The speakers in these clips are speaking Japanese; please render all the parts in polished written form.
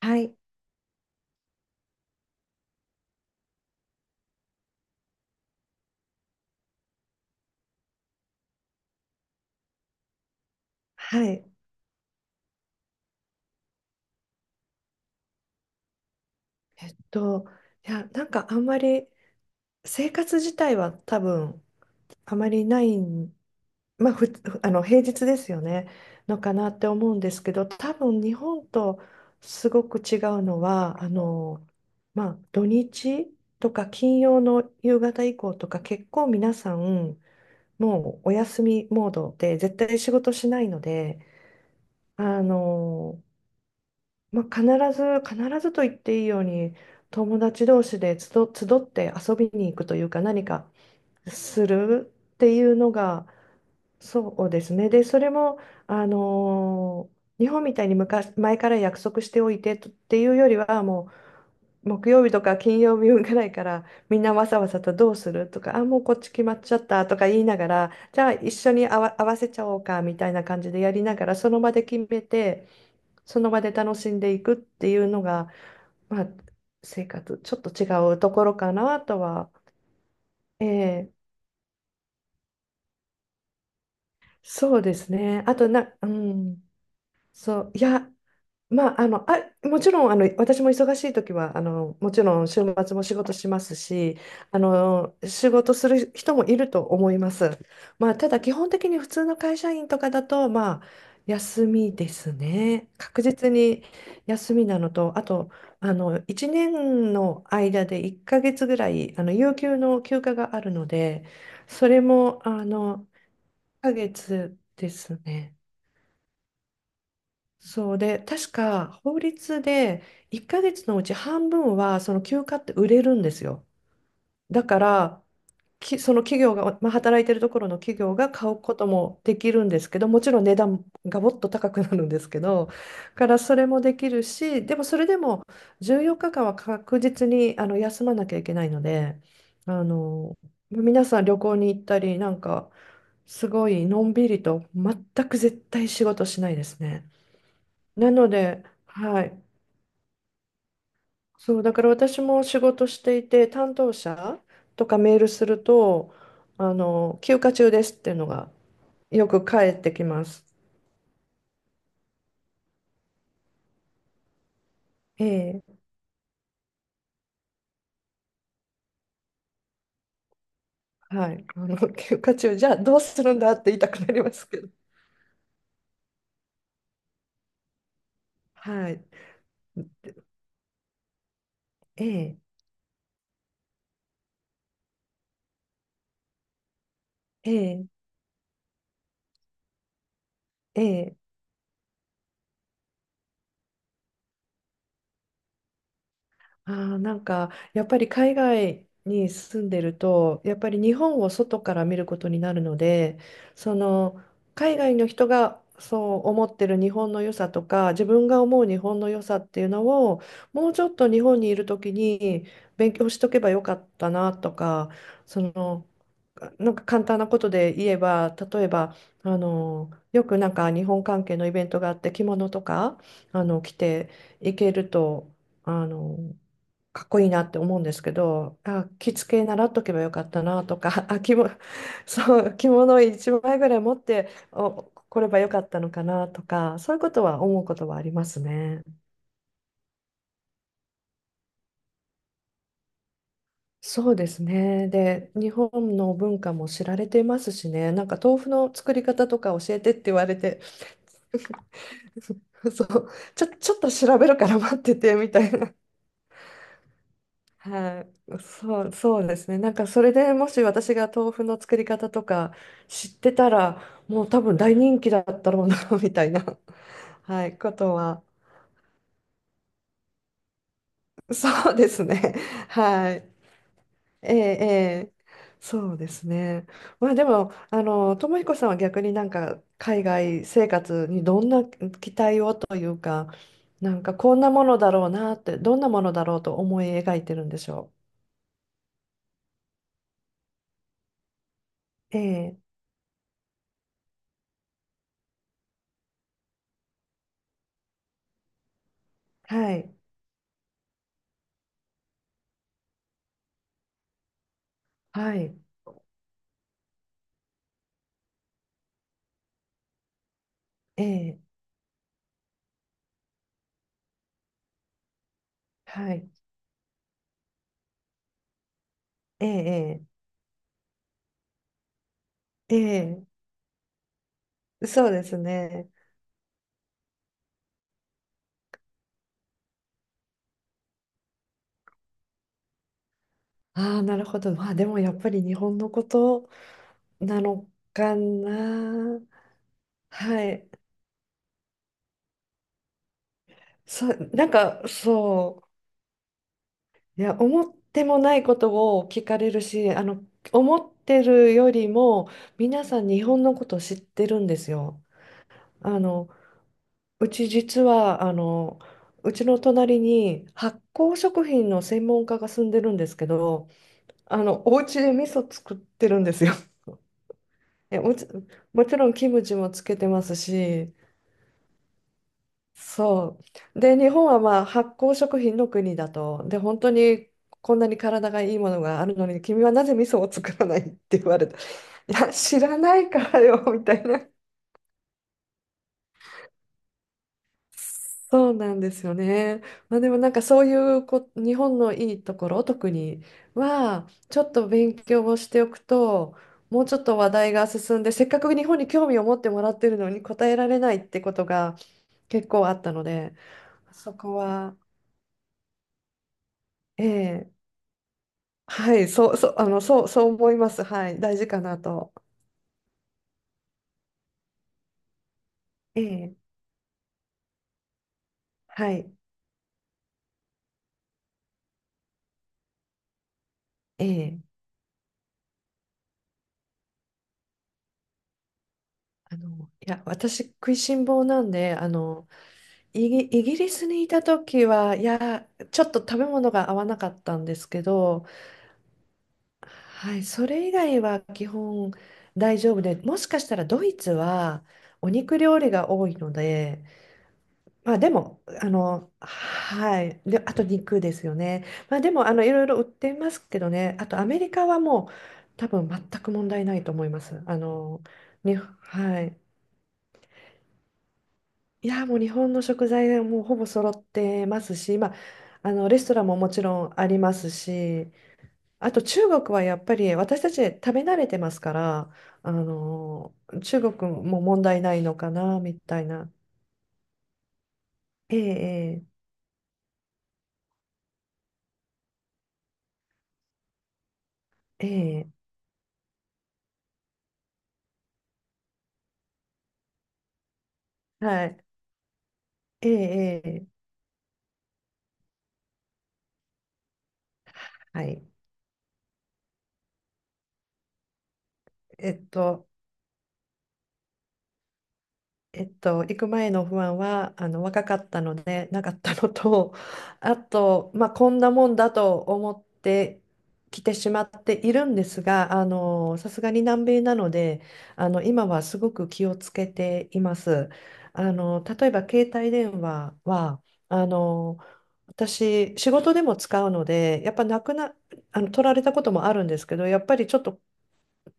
はい、はい。えっと、あんまり生活自体は多分あまりないん、まあ、ふ、あの平日ですよね、のかなって思うんですけど、多分日本とすごく違うのは、まあ、土日とか金曜の夕方以降とか結構皆さんもうお休みモードで絶対仕事しないので、あのまあ、必必ずと言っていいように、友達同士で集って遊びに行くというか、何かするっていうのが、そうですね。で、それも、日本みたいに前から約束しておいてとっていうよりは、もう、木曜日とか金曜日ぐらいから、みんなわさわさとどうするとか、あ、もうこっち決まっちゃったとか言いながら、じゃあ一緒に合わせちゃおうかみたいな感じでやりながら、その場で決めて、その場で楽しんでいくっていうのが、まあ、生活、ちょっと違うところかなとは。ええ、そうですね。あとな、うん、そう、いや、まあ、あの、あ、もちろん、私も忙しい時は、もちろん週末も仕事しますし、仕事する人もいると思います。まあ、ただ基本的に普通の会社員とかだと、まあ、休みですね。確実に休みなのと、あと、あの、1年の間で1ヶ月ぐらい、あの、有給の休暇があるので、それも、あの、1ヶ月ですね。そうで、確か法律で1ヶ月のうち半分はその休暇って売れるんですよ。だから、その企業が、まあ、働いてるところの企業が買うこともできるんですけど、もちろん値段がもっと高くなるんですけど、からそれもできるし、でもそれでも14日間は確実にあの休まなきゃいけないので、あの、皆さん旅行に行ったり、なんかすごいのんびりと全く絶対仕事しないですね。なので、はい、そう、だから私も仕事していて、担当者とかメールすると、あの、休暇中ですっていうのがよく返ってきます。ええ、はい、あの、休暇中、じゃあどうするんだって言いたくなりますけど。はい、ええ、ええ、ええ。あー、なんかやっぱり海外に住んでるとやっぱり日本を外から見ることになるので、その海外の人がそう思ってる日本の良さとか自分が思う日本の良さっていうのを、もうちょっと日本にいる時に勉強しとけばよかったなとか、そのなんか簡単なことで言えば、例えば、よくなんか日本関係のイベントがあって、着物とか着ていけると。あのかっこいいなって思うんですけど、あ、着付け習っとけばよかったなとか、あ、着物、そう、着物一枚ぐらい持ってお来ればよかったのかなとか、そういうことは思うことはありますね。そうですね。で、日本の文化も知られていますしね、なんか豆腐の作り方とか教えてって言われて、そう、ちょっと調べるから待っててみたいな。はい、そう、そうですね。なんかそれでもし私が豆腐の作り方とか知ってたら、もう多分大人気だったろうな みたいな、はい、ことは、そうですね。はい。ええ、ええ、そうですね。まあでも、あの、智彦さんは逆になんか海外生活にどんな期待をというか、なんかこんなものだろうなって、どんなものだろうと思い描いてるんでしょう。ええ、はい、はい、ええ。はい。ええ、ええ、ええ、そうですね。ああ、なるほど。まあでもやっぱり日本のことなのかな。はい。そう、なんかそ思ってもないことを聞かれるし、あの、思ってるよりも皆さん日本のこと知ってるんですよ。あの、うち実は、あの、うちの隣に発酵食品の専門家が住んでるんですけど、あの、お家で味噌作ってるんですよ。え、もち、もちろんキムチもつけてますし、そう。で、日本はまあ発酵食品の国だと。で、本当にこんなに体がいいものがあるのに、君はなぜ味噌を作らないって言われた。いや、知らないからよ、みたいな。そうなんですよね。まあ、でもなんかそういうこ日本のいいところ特にはちょっと勉強をしておくと、もうちょっと話題が進んで、せっかく日本に興味を持ってもらってるのに答えられないってことが結構あったので、そこは、ええそう思います。はい、大事かなと。ええ、はい、ええ、いや私食いしん坊なんで、イギリスにいた時は、いや、ちょっと食べ物が合わなかったんですけど、はい、それ以外は基本大丈夫で、もしかしたらドイツはお肉料理が多いので、まあでも、あの、はい、で、あと肉ですよね。まあでも、あの、いろいろ売っていますけどね、あとアメリカはもう多分全く問題ないと思います。あの、ね、はい。いやー、もう日本の食材がもうほぼ揃ってますし、まあ、あのレストランももちろんありますし、あと中国はやっぱり私たち食べ慣れてますから、あのー中国も問題ないのかなみたいな。ええ、ええ、ええ、はい。ええ、ええ、はい。えっとえっと、行く前の不安はあの若かったのでなかったのと、あと、まあ、こんなもんだと思ってきてしまっているんですが、あのさすがに南米なので、あの今はすごく気をつけています。あの例えば携帯電話は、あの私仕事でも使うのでやっぱなくなあの取られたこともあるんですけど、やっぱりちょっと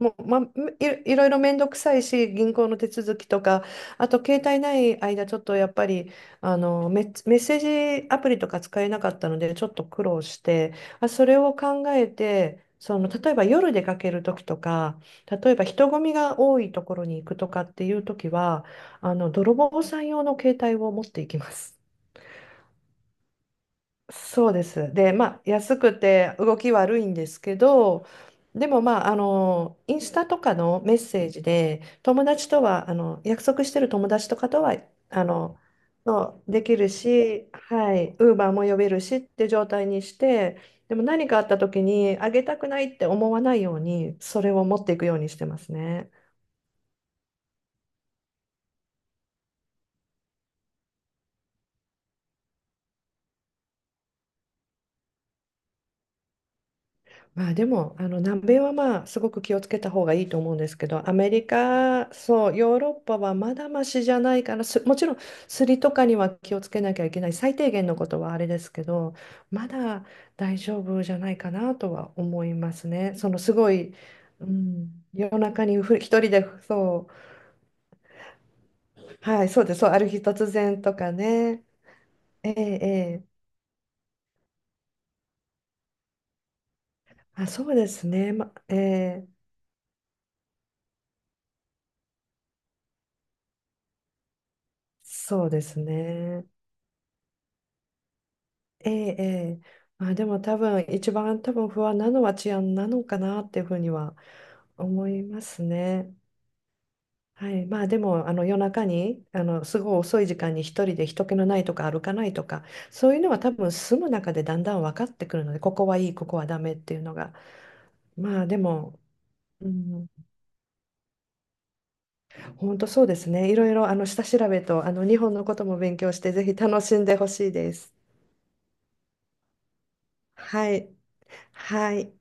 もう、まあ、いろいろ面倒くさいし、銀行の手続きとか、あと携帯ない間、ちょっとやっぱりあのメッセージアプリとか使えなかったので、ちょっと苦労して、あ、それを考えて、その例えば夜出かける時とか、例えば人混みが多いところに行くとかっていう時は、あの泥棒さん用の携帯を持っていきます。そうです。で、まあ、安くて動き悪いんですけど、でも、まあ、あの、インスタとかのメッセージで、友達とは、あの、約束してる友達とかとは、あの、のできるし、はい、ウーバーも呼べるしって状態にして、でも何かあった時に、あげたくないって思わないように、それを持っていくようにしてますね。まあでも、あの南米はまあすごく気をつけた方がいいと思うんですけど、アメリカ、そう、ヨーロッパはまだましじゃないかな、す、もちろんすりとかには気をつけなきゃいけない、最低限のことはあれですけど、まだ大丈夫じゃないかなとは思いますね。そのすごい、うん、夜中に一人で、そう、はい、そうです、そう、ある日突然とかね、ええ、ええ、あ、そうですね、ま、ええ、そうですね。ええ、ええ。まあ、でも多分一番多分不安なのは治安なのかなっていうふうには思いますね。はい、まあでもあの夜中にあのすごい遅い時間に一人で人気のないとか歩かないとか、そういうのは多分住む中でだんだん分かってくるのでここはいいここはダメっていうのが、まあでも、うん、本当そうですね、いろいろあの下調べとあの日本のことも勉強してぜひ楽しんでほしいです。はい、はい